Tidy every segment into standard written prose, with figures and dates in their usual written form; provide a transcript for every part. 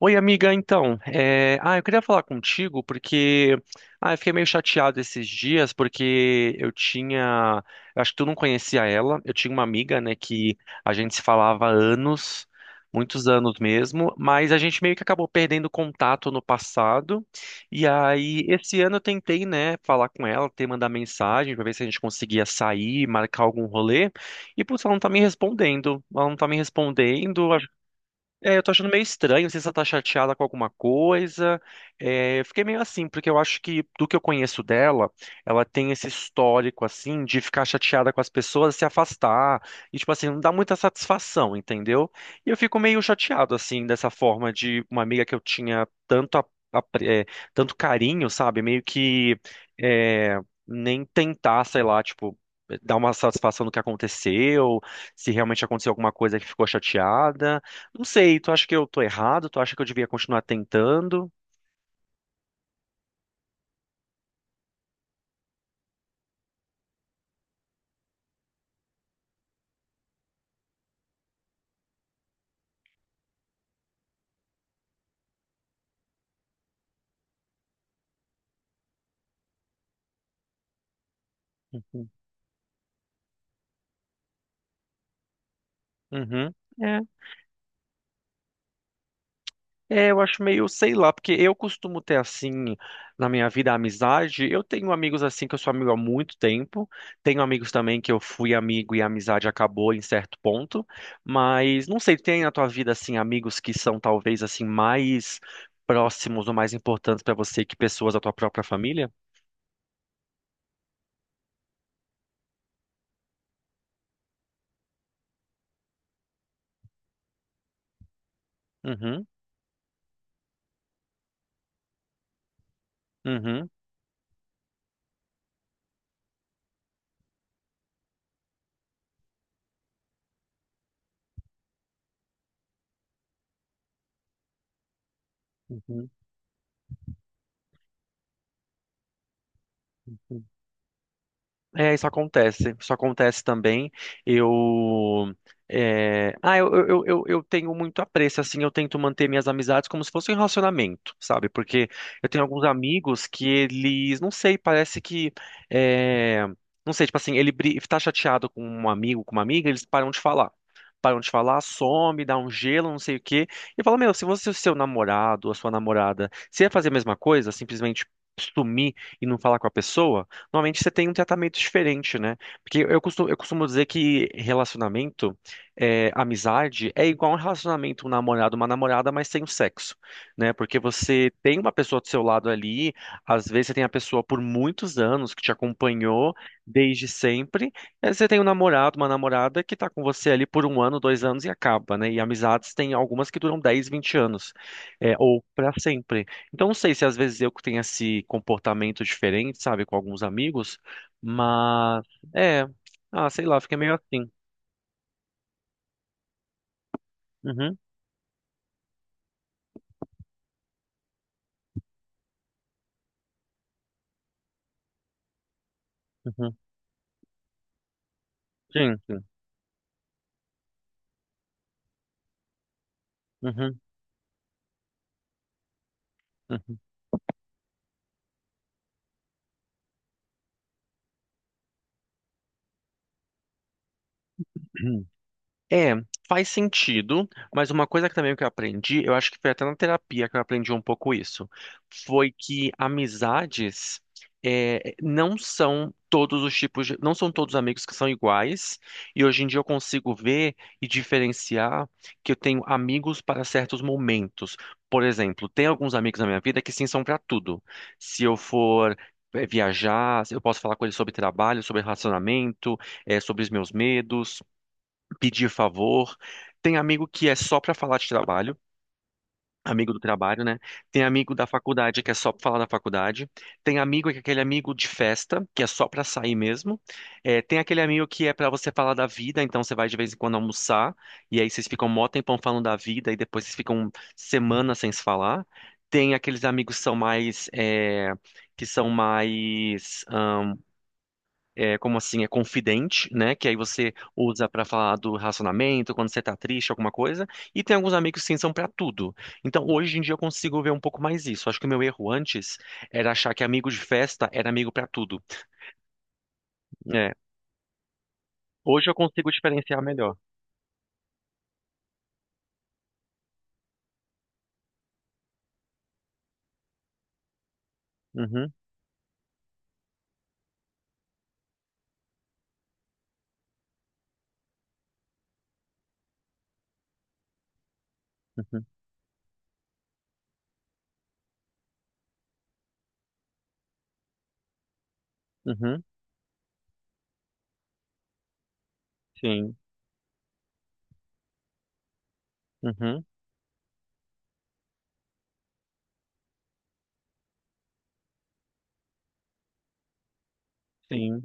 Oi, amiga, então, eu queria falar contigo porque, eu fiquei meio chateado esses dias porque eu acho que tu não conhecia ela, eu tinha uma amiga, né, que a gente se falava há anos, muitos anos mesmo, mas a gente meio que acabou perdendo contato no passado. E aí esse ano eu tentei, né, falar com ela, ter mandar mensagem pra ver se a gente conseguia sair, marcar algum rolê. E putz, ela não tá me respondendo, ela não tá me respondendo, é, eu tô achando meio estranho, não sei se ela tá chateada com alguma coisa. É, eu fiquei meio assim, porque eu acho que, do que eu conheço dela, ela tem esse histórico, assim, de ficar chateada com as pessoas, se afastar, e, tipo assim, não dá muita satisfação, entendeu? E eu fico meio chateado, assim, dessa forma de uma amiga que eu tinha tanto, a- é, tanto carinho, sabe? Meio que é, nem tentar, sei lá, tipo. Dar uma satisfação no que aconteceu, se realmente aconteceu alguma coisa que ficou chateada. Não sei, tu acha que eu tô errado? Tu acha que eu devia continuar tentando? Uhum. Uhum. É, é, eu acho meio, sei lá, porque eu costumo ter assim na minha vida a amizade. Eu tenho amigos assim que eu sou amigo há muito tempo. Tenho amigos também que eu fui amigo e a amizade acabou em certo ponto. Mas não sei, tem na tua vida assim amigos que são talvez assim mais próximos ou mais importantes pra você que pessoas da tua própria família? Uhum, uhum, uhum, uhum. É, isso acontece. Isso acontece também. Eu. É, Ah, eu tenho muito apreço, assim, eu tento manter minhas amizades como se fosse um relacionamento, sabe? Porque eu tenho alguns amigos que eles, não sei, parece que. é, Não sei, tipo assim, tá chateado com um amigo, com uma amiga, eles param de falar. Param de falar, some, dá um gelo, não sei o quê. E fala, meu, se você, o seu namorado, a sua namorada, se ia fazer a mesma coisa, simplesmente sumir e não falar com a pessoa normalmente você tem um tratamento diferente, né? Porque eu costumo dizer que relacionamento, amizade, é igual um relacionamento, um namorado, uma namorada, mas sem o sexo, né? Porque você tem uma pessoa do seu lado ali, às vezes você tem a pessoa por muitos anos que te acompanhou desde sempre, e aí você tem um namorado, uma namorada que tá com você ali por um ano, dois anos e acaba, né? E amizades tem algumas que duram 10 20 anos, é, ou para sempre. Então, não sei se às vezes eu que tenho esse comportamento diferente, sabe, com alguns amigos, mas é, sei lá, fica meio assim. Uhum, uhum, sim, sim, uhum, uhum. É, faz sentido, mas uma coisa que também que eu aprendi, eu acho que foi até na terapia que eu aprendi um pouco isso, foi que amizades não são todos os tipos de, não são todos os amigos que são iguais, e hoje em dia eu consigo ver e diferenciar que eu tenho amigos para certos momentos. Por exemplo, tem alguns amigos na minha vida que sim são para tudo. Se eu for viajar, eu posso falar com eles sobre trabalho, sobre relacionamento, sobre os meus medos pedir favor. Tem amigo que é só para falar de trabalho, amigo do trabalho, né? Tem amigo da faculdade que é só para falar da faculdade. Tem amigo que é aquele amigo de festa, que é só para sair mesmo. É, tem aquele amigo que é para você falar da vida, então você vai de vez em quando almoçar, e aí vocês ficam um mó tempão falando da vida, e depois vocês ficam semanas sem se falar. Tem aqueles amigos que são mais, como assim, é confidente, né? Que aí você usa pra falar do relacionamento, quando você tá triste, alguma coisa. E tem alguns amigos que sim são pra tudo. Então, hoje em dia eu consigo ver um pouco mais isso. Acho que o meu erro antes era achar que amigo de festa era amigo pra tudo. É, hoje eu consigo diferenciar melhor. Uhum, uhum, uhum, sim, uhum, sim,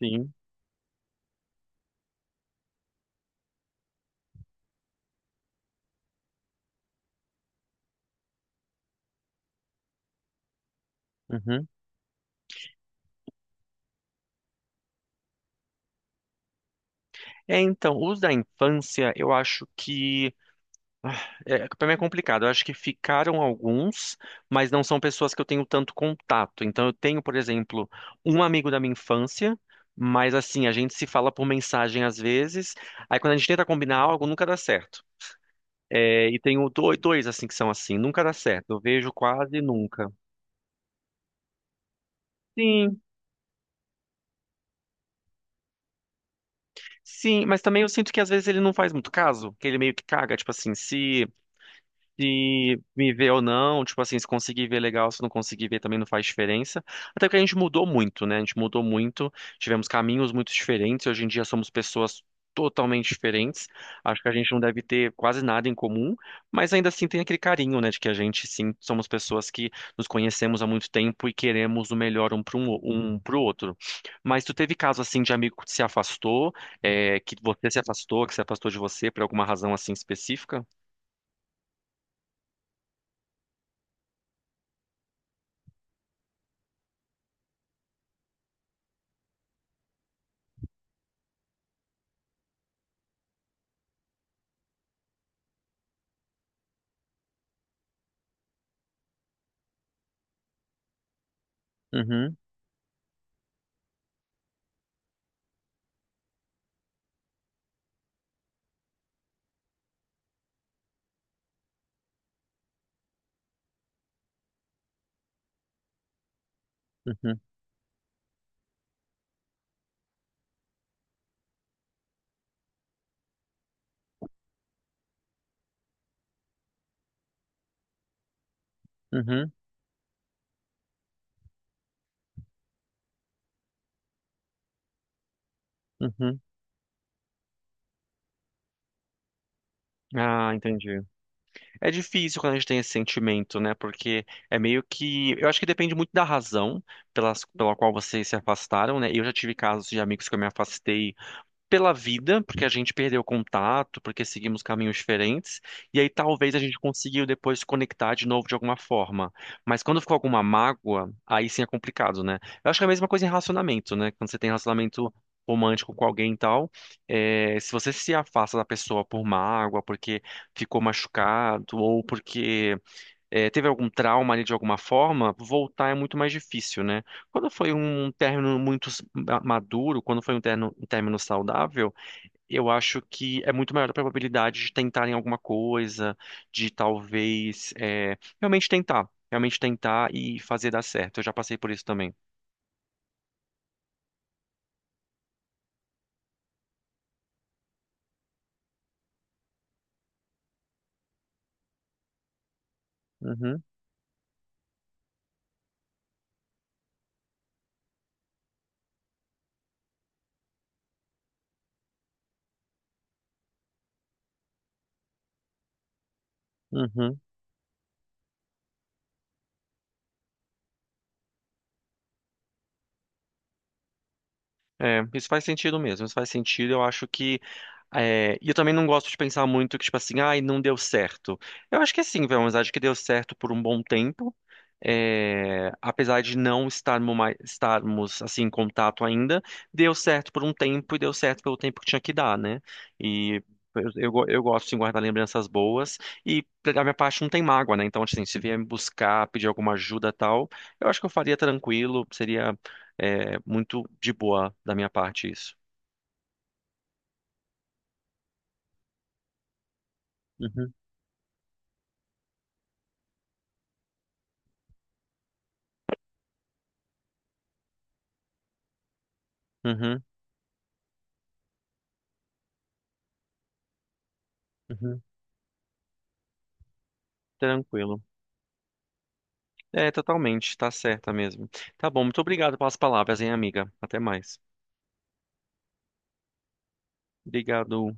sim. Uhum. É, então, os da infância, eu acho que é, para mim é complicado. Eu acho que ficaram alguns, mas não são pessoas que eu tenho tanto contato. Então eu tenho, por exemplo, um amigo da minha infância, mas assim, a gente se fala por mensagem às vezes. Aí quando a gente tenta combinar algo, nunca dá certo. É, e tenho dois assim que são assim, nunca dá certo. Eu vejo quase nunca. Sim, sim, mas também eu sinto que às vezes ele não faz muito caso, que ele meio que caga, tipo assim, se me ver ou não, tipo assim, se conseguir ver legal, se não conseguir ver também não faz diferença. Até porque a gente mudou muito, né? A gente mudou muito, tivemos caminhos muito diferentes, hoje em dia somos pessoas totalmente diferentes. Acho que a gente não deve ter quase nada em comum, mas ainda assim tem aquele carinho, né, de que a gente sim somos pessoas que nos conhecemos há muito tempo e queremos o melhor um para um, um pro outro. Mas tu teve caso assim de amigo que se afastou, é, que você se afastou, que se afastou de você por alguma razão assim específica? Uhum. Uhum. Uhum, uhum. Ah, entendi. É difícil quando a gente tem esse sentimento, né? Porque é meio que. Eu acho que depende muito da razão pelas, pela qual vocês se afastaram, né? Eu já tive casos de amigos que eu me afastei pela vida, porque a gente perdeu contato, porque seguimos caminhos diferentes, e aí talvez a gente conseguiu depois se conectar de novo de alguma forma. Mas quando ficou alguma mágoa, aí sim é complicado, né? Eu acho que é a mesma coisa em relacionamento, né? Quando você tem relacionamento romântico com alguém e tal, é, se você se afasta da pessoa por mágoa, porque ficou machucado, ou porque é, teve algum trauma ali de alguma forma, voltar é muito mais difícil, né? Quando foi um término muito maduro, quando foi um término saudável, eu acho que é muito maior a probabilidade de tentarem alguma coisa, de talvez realmente tentar e fazer dar certo. Eu já passei por isso também. Uhum, uhum. É, isso faz sentido mesmo, isso faz sentido. Eu acho que. E eu também não gosto de pensar muito que, tipo assim, ai, não deu certo. Eu acho que assim, foi uma amizade que deu certo por um bom tempo. Apesar de não estarmos, mais, estarmos assim, em contato ainda, deu certo por um tempo e deu certo pelo tempo que tinha que dar, né? E eu gosto de guardar lembranças boas e da minha parte não tem mágoa, né? Então, assim, se vier me buscar, pedir alguma ajuda e tal, eu acho que eu faria tranquilo, seria. É muito de boa da minha parte isso. Uhum, uhum, uhum. Tranquilo. É, totalmente, tá certa mesmo. Tá bom, muito obrigado pelas palavras, hein, amiga. Até mais. Obrigado.